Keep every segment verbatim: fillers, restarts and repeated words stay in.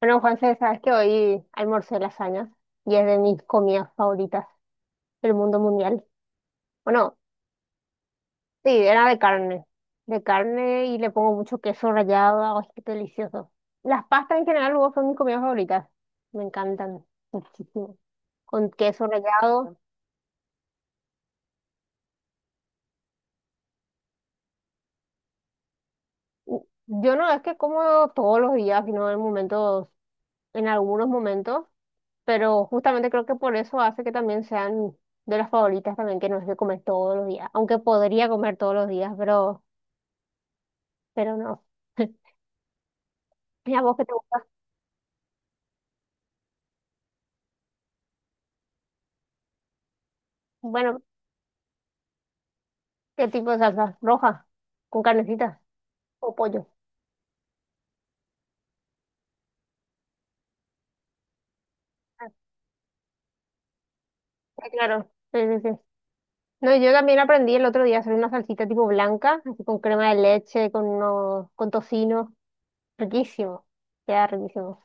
Bueno, Juanse, sabes que hoy almorcé lasañas y es de mis comidas favoritas del mundo mundial. Bueno, sí, era de carne. De carne y le pongo mucho queso rallado. Ay, qué delicioso. Las pastas en general luego son mis comidas favoritas. Me encantan muchísimo. Con queso rallado. Y Yo no es que como todos los días, sino en momentos, en algunos momentos, pero justamente creo que por eso hace que también sean de las favoritas también, que no es que comer todos los días. Aunque podría comer todos los días, pero. pero no. ¿Y a vos qué te gusta? Bueno, ¿qué tipo de salsa? ¿Roja? ¿Con carnecita? ¿O pollo? Ah, sí, claro. Sí, sí, sí. No, yo también aprendí el otro día a hacer una salsita tipo blanca, así con crema de leche, con, uno- con tocino. Riquísimo. Queda riquísimo.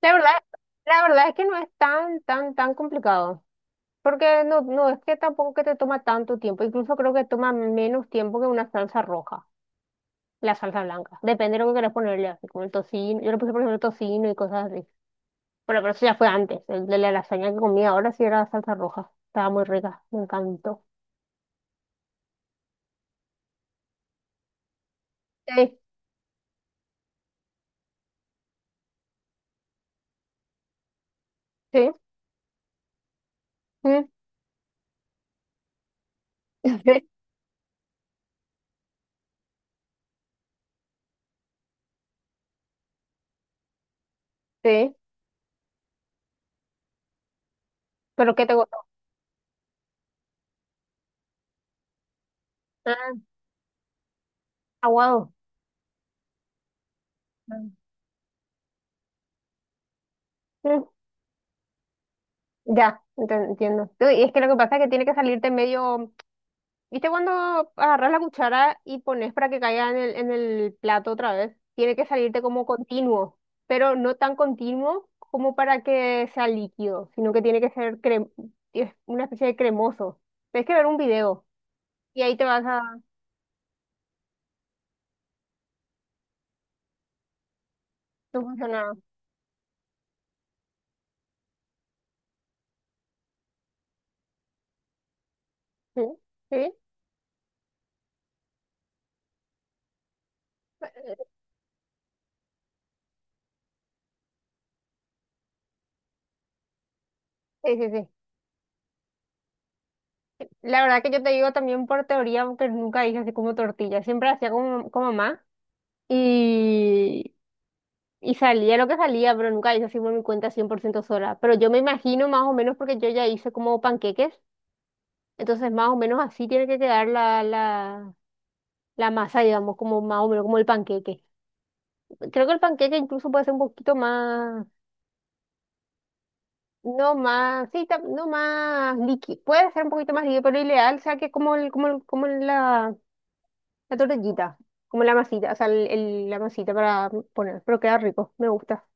La verdad, la verdad es que no es tan, tan, tan complicado. Porque no, no es que tampoco que te toma tanto tiempo. Incluso creo que toma menos tiempo que una salsa roja, la salsa blanca. Depende de lo que quieras ponerle, así como el tocino. Yo le puse, por ejemplo, tocino y cosas así. Bueno, pero eso ya fue antes. El de la lasaña que comí ahora sí era salsa roja. Estaba muy rica, me encantó. Sí, sí, mm, sí, sí. ¿Pero qué te gustó? Ah, aguado. Ah, mm, ya, enten- entiendo. Tú, Y es que lo que pasa es que tiene que salirte medio. ¿Viste cuando agarras la cuchara y pones para que caiga en el, en el plato otra vez? Tiene que salirte como continuo, pero no tan continuo como para que sea líquido, sino que tiene que ser cre- es una especie de cremoso. Tienes que ver un video. Y ahí te vas a tu funcionario. Sí, sí, sí, sí, sí. La verdad que yo te digo también por teoría, porque nunca hice así como tortilla. Siempre hacía como, como mamá y, y salía lo que salía, pero nunca hice así por mi cuenta cien por ciento sola. Pero yo me imagino más o menos porque yo ya hice como panqueques. Entonces más o menos así tiene que quedar la, la, la masa, digamos, como más o menos como el panqueque. Creo que el panqueque incluso puede ser un poquito más. No más, sí, ta- no más líquido. Puede ser un poquito más líquido, pero ideal, o sea, que como, el, como, el- como la, la tortillita, como la masita, o sea, el, el- la masita para poner, pero queda rico, me gusta.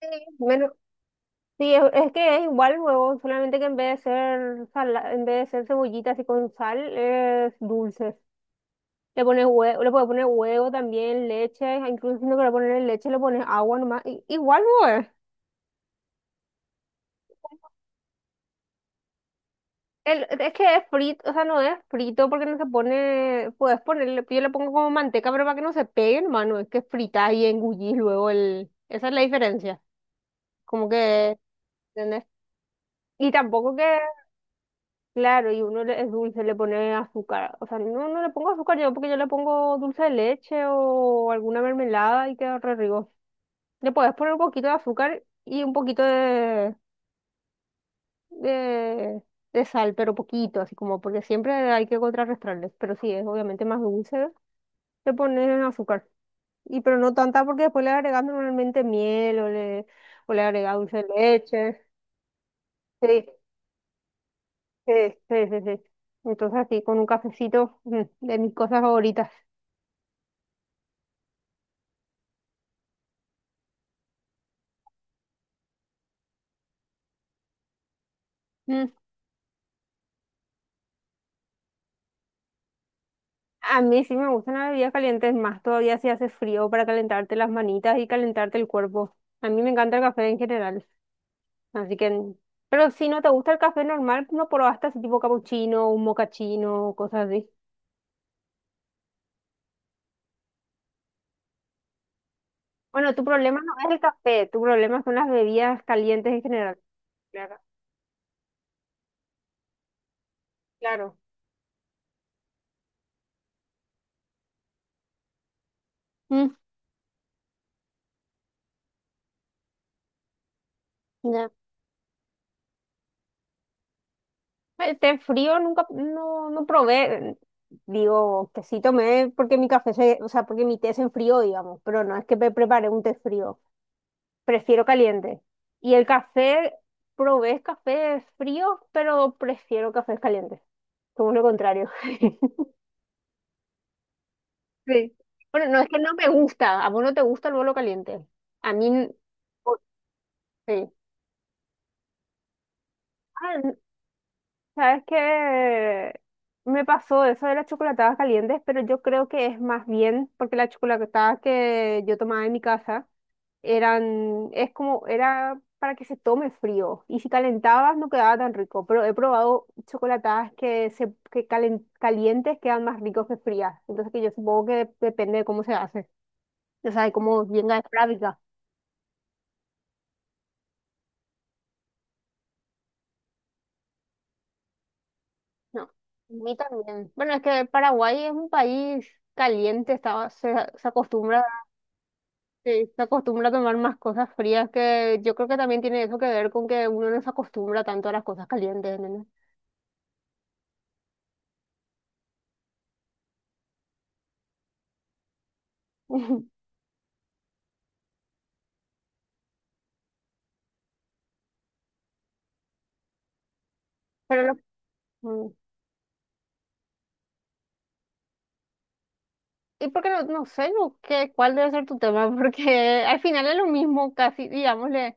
Sí, menos- sí, es, es que es igual el huevo, solamente que en vez de ser sala- en vez de ser cebollitas y con sal, es dulce. Le pones huevo, le puedes poner huevo también, leche, incluso si no quieres poner leche, le pones agua nomás. i- Igual, huevo. El, es que es frito, o sea, no es frito porque no se pone, puedes ponerle, yo le pongo como manteca, pero para que no se pegue hermano es que fritas y engullís luego el, esa es la diferencia, como que, ¿entendés? Y tampoco que, claro, y uno le- es dulce, le pone azúcar, o sea, no, no le pongo azúcar yo porque yo le pongo dulce de leche o alguna mermelada y queda re rico. Le puedes poner un poquito de azúcar y un poquito de, de, de sal, pero poquito, así como, porque siempre hay que contrarrestarles, pero sí, es obviamente más dulce. Le pones azúcar. Y pero no tanta porque después le agregas normalmente miel o le, o le agregas dulce de leche. Sí, sí, sí, sí, sí. Entonces así con un cafecito, mm, de mis cosas favoritas. Mm. A mí sí me gustan las bebidas calientes más todavía si hace frío para calentarte las manitas y calentarte el cuerpo. A mí me encanta el café en general. Así que, mm, pero si no te gusta el café normal, no probaste así tipo capuchino, un mocachino, cosas así. Bueno, tu problema no es el café, tu problema son las bebidas calientes en general. Claro, claro. Mm, ya. Eh, Té frío nunca, no, no probé. Digo, que sí tomé porque mi café se, o sea, porque mi té se enfrió, digamos, pero no es que me preparé un té frío. Prefiero caliente. Y el café, probé café frío, pero prefiero cafés calientes. Como lo contrario. Sí. Bueno, no es que no me gusta. A vos no te gusta el bolo caliente. A mí, n- o- sí. Ah, sabes que me pasó eso de las chocolatadas calientes, pero yo creo que es más bien porque las chocolatadas que yo tomaba en mi casa eran, es como, era para que se tome frío. Y si calentabas no quedaba tan rico, pero he probado chocolatadas que se, que calen- calientes quedan más ricos que frías. Entonces que yo supongo que depende de cómo se hace. O sea, de cómo venga de fábrica. No, a mí también. Bueno, es que Paraguay es un país caliente, estaba, se, se acostumbra. Sí, se acostumbra a tomar más cosas frías que yo creo que también tiene eso que ver con que uno no se acostumbra tanto a las cosas calientes, nene. Pero lo- mm. Y porque no, no sé yo qué, cuál debe ser tu tema, porque al final es lo mismo, casi, digámosle,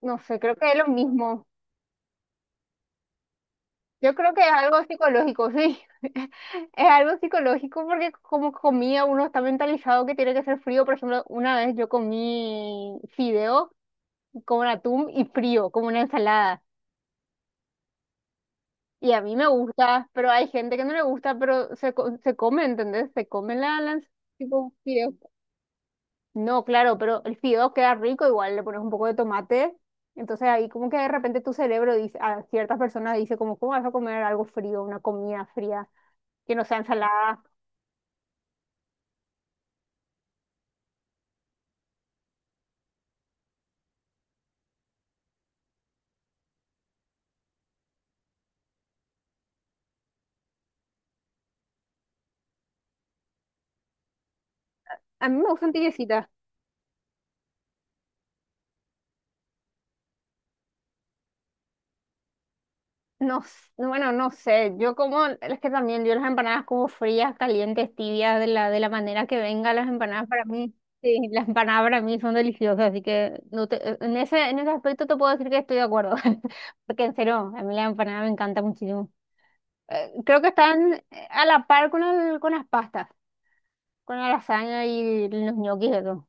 no sé, creo que es lo mismo. Yo creo que es algo psicológico, sí. Es algo psicológico porque como comía uno está mentalizado que tiene que ser frío. Por ejemplo, una vez yo comí fideo con atún y frío, como una ensalada. Y a mí me gusta, pero hay gente que no le gusta, pero se, co- se come, ¿entendés? Se come la, la tipo fideo. No, claro, pero el fideo queda rico, igual le pones un poco de tomate. Entonces ahí como que de repente tu cerebro dice, a ciertas personas dice como, ¿cómo vas a comer algo frío, una comida fría, que no sea ensalada? A mí me gustan tibiecitas. No, s- bueno, no sé, yo como, es que también yo las empanadas como frías, calientes, tibias, de la, de la manera que venga las empanadas para mí, sí, las empanadas para mí son deliciosas, así que no te, e, en ese, en ese aspecto te puedo decir que estoy de acuerdo, porque en serio, a mí la empanada me encanta muchísimo. Eh, creo que están eh, a la par con el, con las pastas, con la lasaña y los ñoquis y eso.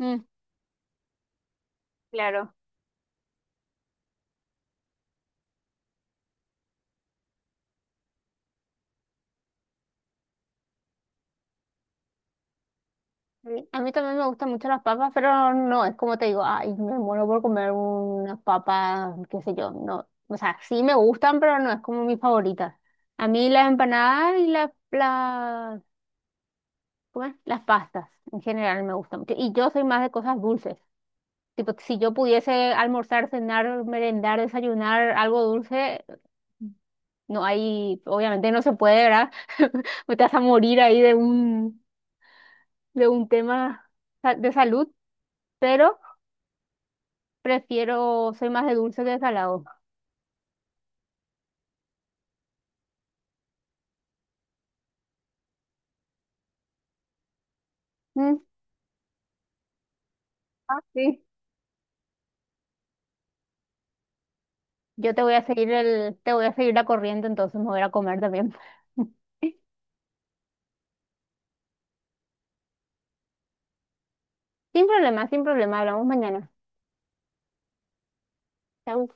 Mm, claro. Sí, a mí también me gustan mucho las papas, pero no, es como te digo, ay, me muero por comer unas papas, qué sé yo, no, o sea, sí me gustan, pero no es como mi favorita. A mí las empanadas y las, las, ¿cómo es? Las pastas en general me gustan mucho. Y yo soy más de cosas dulces. Tipo, si yo pudiese almorzar, cenar, merendar, desayunar algo dulce, no hay, obviamente no se puede, ¿verdad? Me Te vas a morir ahí de un, de un tema sa- de salud, pero prefiero, soy más de dulce que de salado. Mm, ah, sí. Yo te voy a seguir el, te voy a seguir la corriente, entonces me voy a ir a comer también. Sin problema, sin problema, hablamos mañana. Chau.